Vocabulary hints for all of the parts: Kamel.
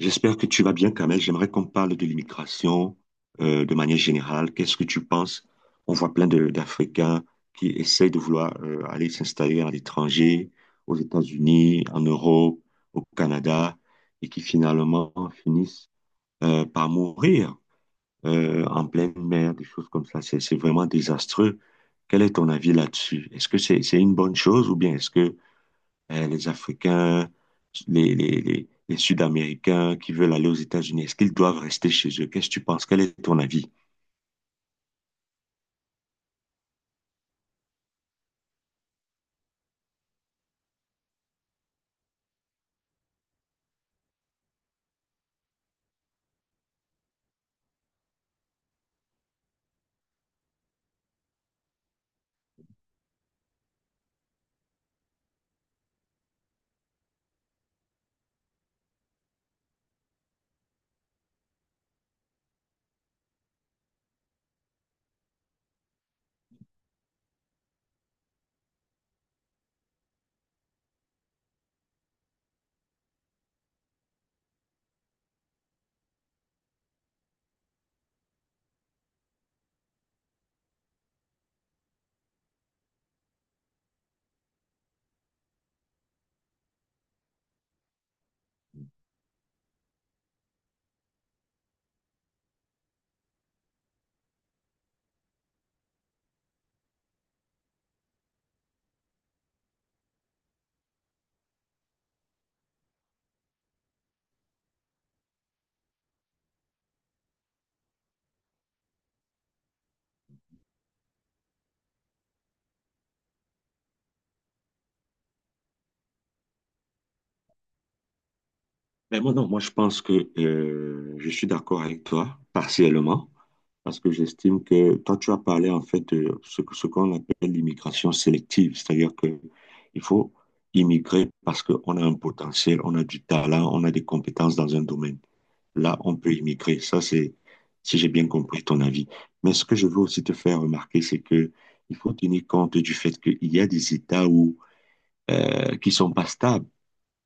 J'espère que tu vas bien, Kamel. J'aimerais qu'on parle de l'immigration de manière générale. Qu'est-ce que tu penses? On voit d'Africains qui essayent de vouloir aller s'installer à l'étranger, aux États-Unis, en Europe, au Canada, et qui finalement finissent par mourir en pleine mer, des choses comme ça. C'est vraiment désastreux. Quel est ton avis là-dessus? Est-ce que c'est une bonne chose ou bien est-ce que les Africains, les Sud-Américains qui veulent aller aux États-Unis? Est-ce qu'ils doivent rester chez eux? Qu'est-ce que tu penses? Quel est ton avis? Mais moi, non, moi, je pense que je suis d'accord avec toi, partiellement, parce que j'estime que toi, tu as parlé en fait de ce qu'on appelle l'immigration sélective, c'est-à-dire que il faut immigrer parce qu'on a un potentiel, on a du talent, on a des compétences dans un domaine. Là, on peut immigrer. Ça, c'est, si j'ai bien compris ton avis. Mais ce que je veux aussi te faire remarquer, c'est que il faut tenir compte du fait qu'il y a des États où, qui sont pas stables.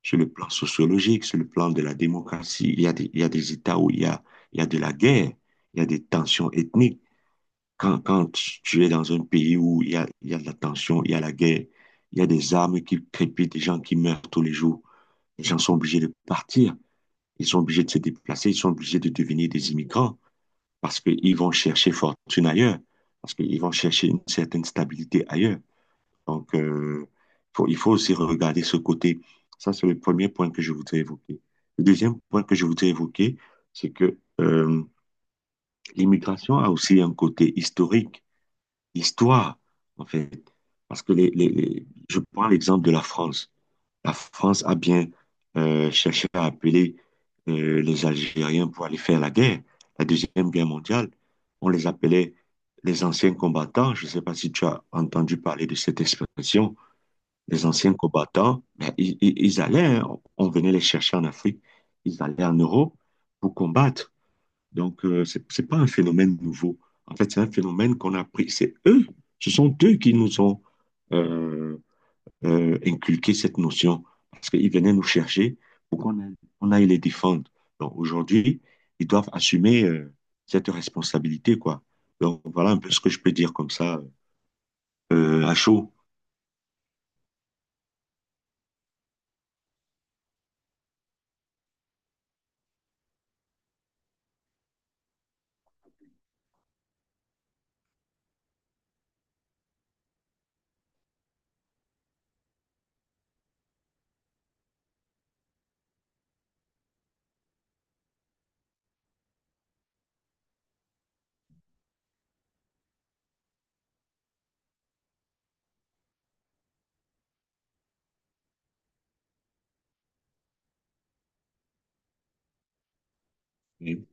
Sur le plan sociologique, sur le plan de la démocratie, il y a des États où il y a de la guerre, il y a des tensions ethniques. Quand tu es dans un pays où il y a de la tension, il y a la guerre, il y a des armes qui crépitent, des gens qui meurent tous les jours, les gens sont obligés de partir, ils sont obligés de se déplacer, ils sont obligés de devenir des immigrants parce qu'ils vont chercher fortune ailleurs, parce qu'ils vont chercher une certaine stabilité ailleurs. Donc, il faut aussi regarder ce côté. Ça, c'est le premier point que je voudrais évoquer. Le deuxième point que je voudrais évoquer, c'est que l'immigration a aussi un côté historique, histoire, en fait. Parce que je prends l'exemple de la France. La France a bien cherché à appeler les Algériens pour aller faire la guerre, la Deuxième Guerre mondiale. On les appelait les anciens combattants. Je ne sais pas si tu as entendu parler de cette expression les anciens combattants, ben, allaient, hein, on venait les chercher en Afrique, ils allaient en Europe pour combattre. Donc, c'est pas un phénomène nouveau. En fait, c'est un phénomène qu'on a pris. C'est eux, ce sont eux qui nous ont euh, inculqué cette notion, parce qu'ils venaient nous chercher pour on aille les défendre. Donc, aujourd'hui, ils doivent assumer cette responsabilité, quoi. Donc, voilà un peu ce que je peux dire comme ça, à chaud. Oui.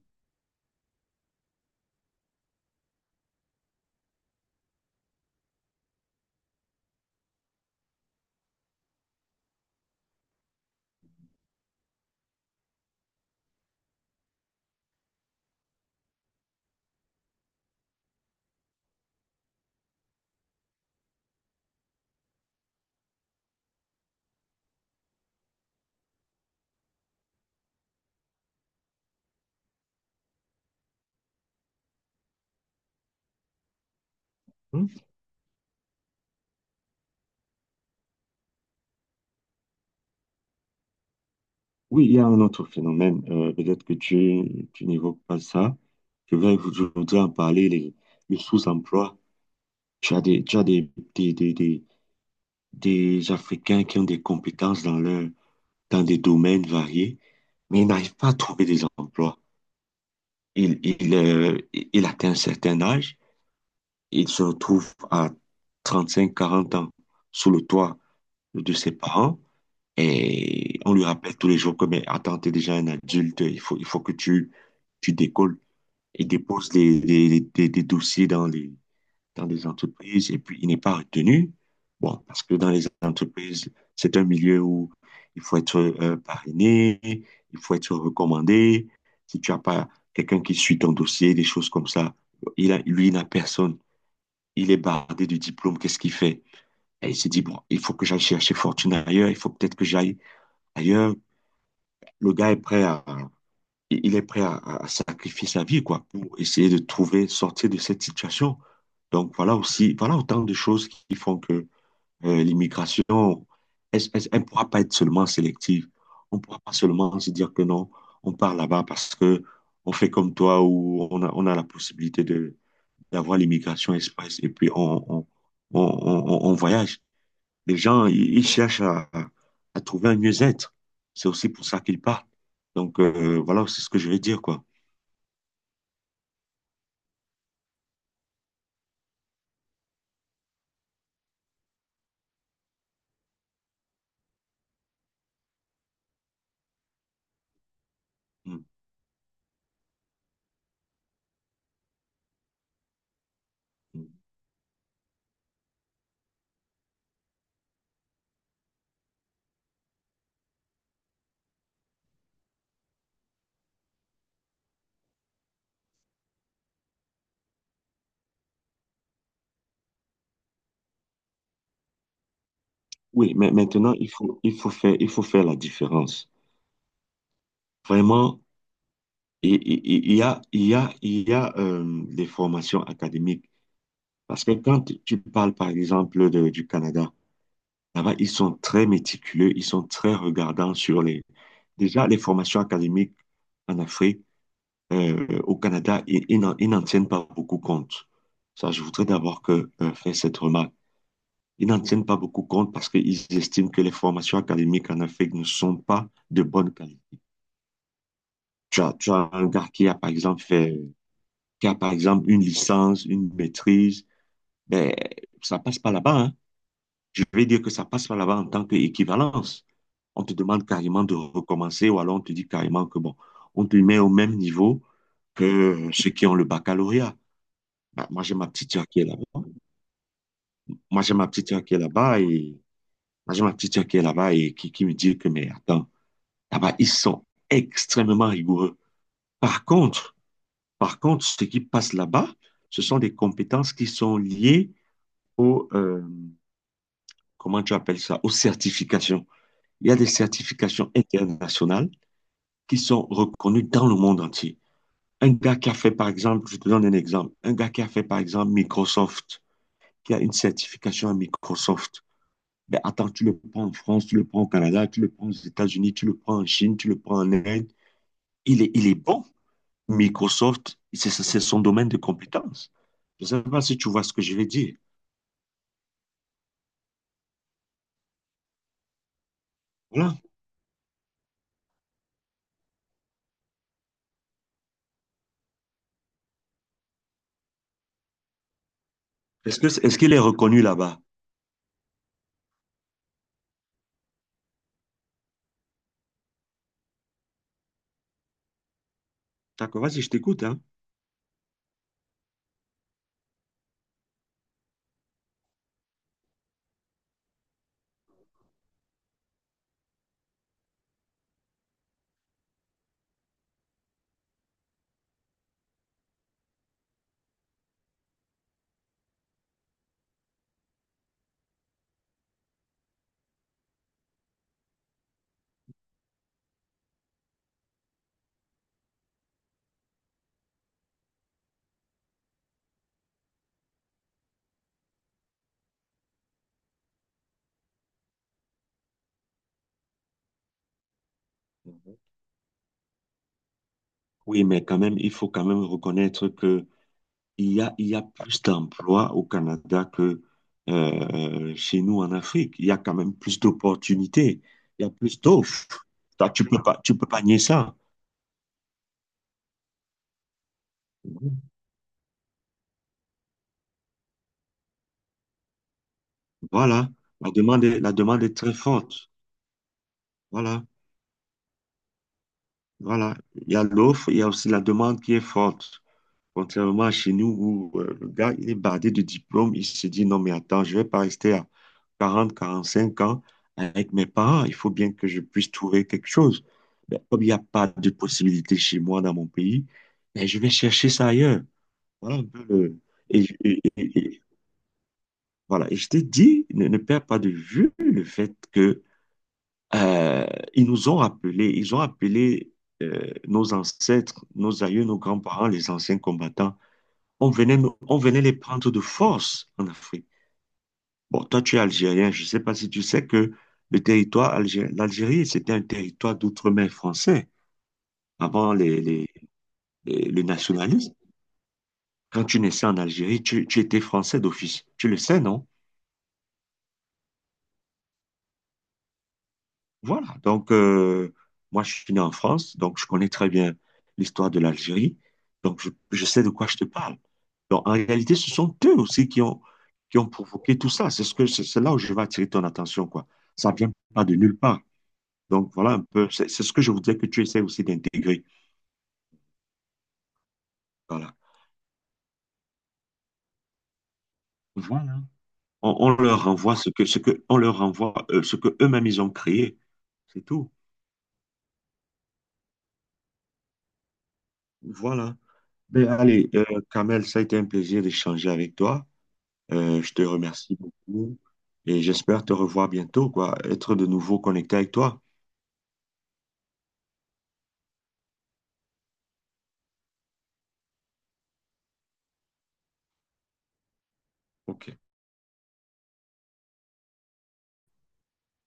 Oui, il y a un autre phénomène, peut-être que tu n'évoques pas ça. Je vais aujourd'hui en parler, le sous-emploi. Tu as des, des, des, des Africains qui ont des compétences dans leur, dans des domaines variés, mais ils n'arrivent pas à trouver des emplois. Ils, ils, euh, ils atteignent un certain âge, ils se retrouvent à 35 40 ans sous le toit de ses parents. Et on lui rappelle tous les jours que, mais attends, t'es déjà un adulte, il faut que tu décolles et déposes des dossiers dans dans des entreprises. Et puis, il n'est pas retenu. Bon, parce que dans les entreprises, c'est un milieu où il faut être parrainé, il faut être recommandé. Si tu n'as pas quelqu'un qui suit ton dossier, des choses comme ça, il a, lui, il n'a personne. Il est bardé du diplôme, qu'est-ce qu'il fait? Et il s'est dit, bon, il faut que j'aille chercher fortune ailleurs, il faut peut-être que j'aille ailleurs. Le gars est prêt à, il est prêt à sacrifier sa vie, quoi, pour essayer de trouver, sortir de cette situation. Donc, voilà aussi, voilà autant de choses qui font que l'immigration, elle ne pourra pas être seulement sélective. On ne pourra pas seulement se dire que non, on part là-bas parce que on fait comme toi ou on a la possibilité de, d'avoir l'immigration express et puis on voyage. Les gens, ils cherchent à trouver un mieux-être. C'est aussi pour ça qu'ils partent. Donc, voilà, c'est ce que je vais dire, quoi. Mm. Oui, mais maintenant, il faut faire la différence. Vraiment, il y a des formations académiques. Parce que quand tu parles, par exemple, du Canada, là-bas, ils sont très méticuleux, ils sont très regardants sur les... Déjà, les formations académiques en Afrique, au Canada, ils n'en tiennent pas beaucoup compte. Ça, je voudrais d'abord que, faire cette remarque. Ils n'en tiennent pas beaucoup compte parce qu'ils estiment que les formations académiques en Afrique ne sont pas de bonne qualité. Tu as un gars qui a, par exemple, fait, qui a, par exemple, une licence, une maîtrise, ben, ça passe pas là-bas, hein. Je vais dire que ça passe pas là-bas en tant qu'équivalence. On te demande carrément de recommencer ou alors on te dit carrément que bon, on te met au même niveau que ceux qui ont le baccalauréat. Bah, moi, j'ai ma petite sœur qui est là-bas. Moi, j'ai ma petite sœur qui est là-bas et moi, j'ai ma petite sœur qui est là-bas et qui me dit que, mais attends, là-bas, ils sont extrêmement rigoureux. Par contre, par contre, ce qui passe là-bas, ce sont des compétences qui sont liées au, comment tu appelles ça, aux certifications. Il y a des certifications internationales qui sont reconnues dans le monde entier. Un gars qui a fait, par exemple, je te donne un exemple, un gars qui a fait, par exemple, Microsoft, qui a une certification à Microsoft. Ben attends, tu le prends en France, tu le prends au Canada, tu le prends aux États-Unis, tu le prends en Chine, tu le prends en Inde. Il est bon. Microsoft, c'est son domaine de compétence. Je ne sais pas si tu vois ce que je vais dire. Voilà. Est-ce que, est-ce qu'il est reconnu là-bas? D'accord, vas-y, je t'écoute, hein. Mhm. Oui, mais quand même, il faut quand même reconnaître que il y a plus d'emplois au Canada que chez nous en Afrique. Il y a quand même plus d'opportunités, il y a plus d'offres. Ça, tu peux pas nier ça. Voilà, la demande est très forte. Voilà, voilà. Il y a l'offre, il y a aussi la demande qui est forte. Contrairement à chez nous où le gars, il est bardé de diplôme, il se dit non, mais attends, je ne vais pas rester à 40 45 ans avec mes parents. Il faut bien que je puisse trouver quelque chose. Ben, comme il n'y a pas de possibilité chez moi dans mon pays, ben, je vais chercher ça ailleurs. Voilà un peu le. Et, et- et- et- voilà. Et je t'ai dit, ne perds pas de vue le fait que Euh, ils nous ont rappelé, ils ont appelé nos ancêtres, nos aïeux, nos grands-parents, les anciens combattants. On venait les prendre de force en Afrique. Bon, toi, tu es algérien, je ne sais pas si tu sais que le territoire algérien, l'Algérie, c'était un territoire d'outre-mer français avant le nationalisme. Quand tu naissais en Algérie, tu étais français d'office. Tu le sais, non? Voilà, donc moi je suis né en France, donc je connais très bien l'histoire de l'Algérie, donc je sais de quoi je te parle. Donc en réalité, ce sont eux aussi qui ont provoqué tout ça. C'est là où je vais attirer ton attention, quoi. Ça vient pas de nulle part. Donc voilà un peu, c'est ce que je voudrais que tu essaies aussi d'intégrer. Voilà. Voilà. On leur renvoie on leur renvoie ce que eux-mêmes ils ont créé. C'est tout. Voilà. Ben, allez, Kamel, ça a été un plaisir d'échanger avec toi. Je te remercie beaucoup et j'espère te revoir bientôt, quoi, être de nouveau connecté avec toi. Ok,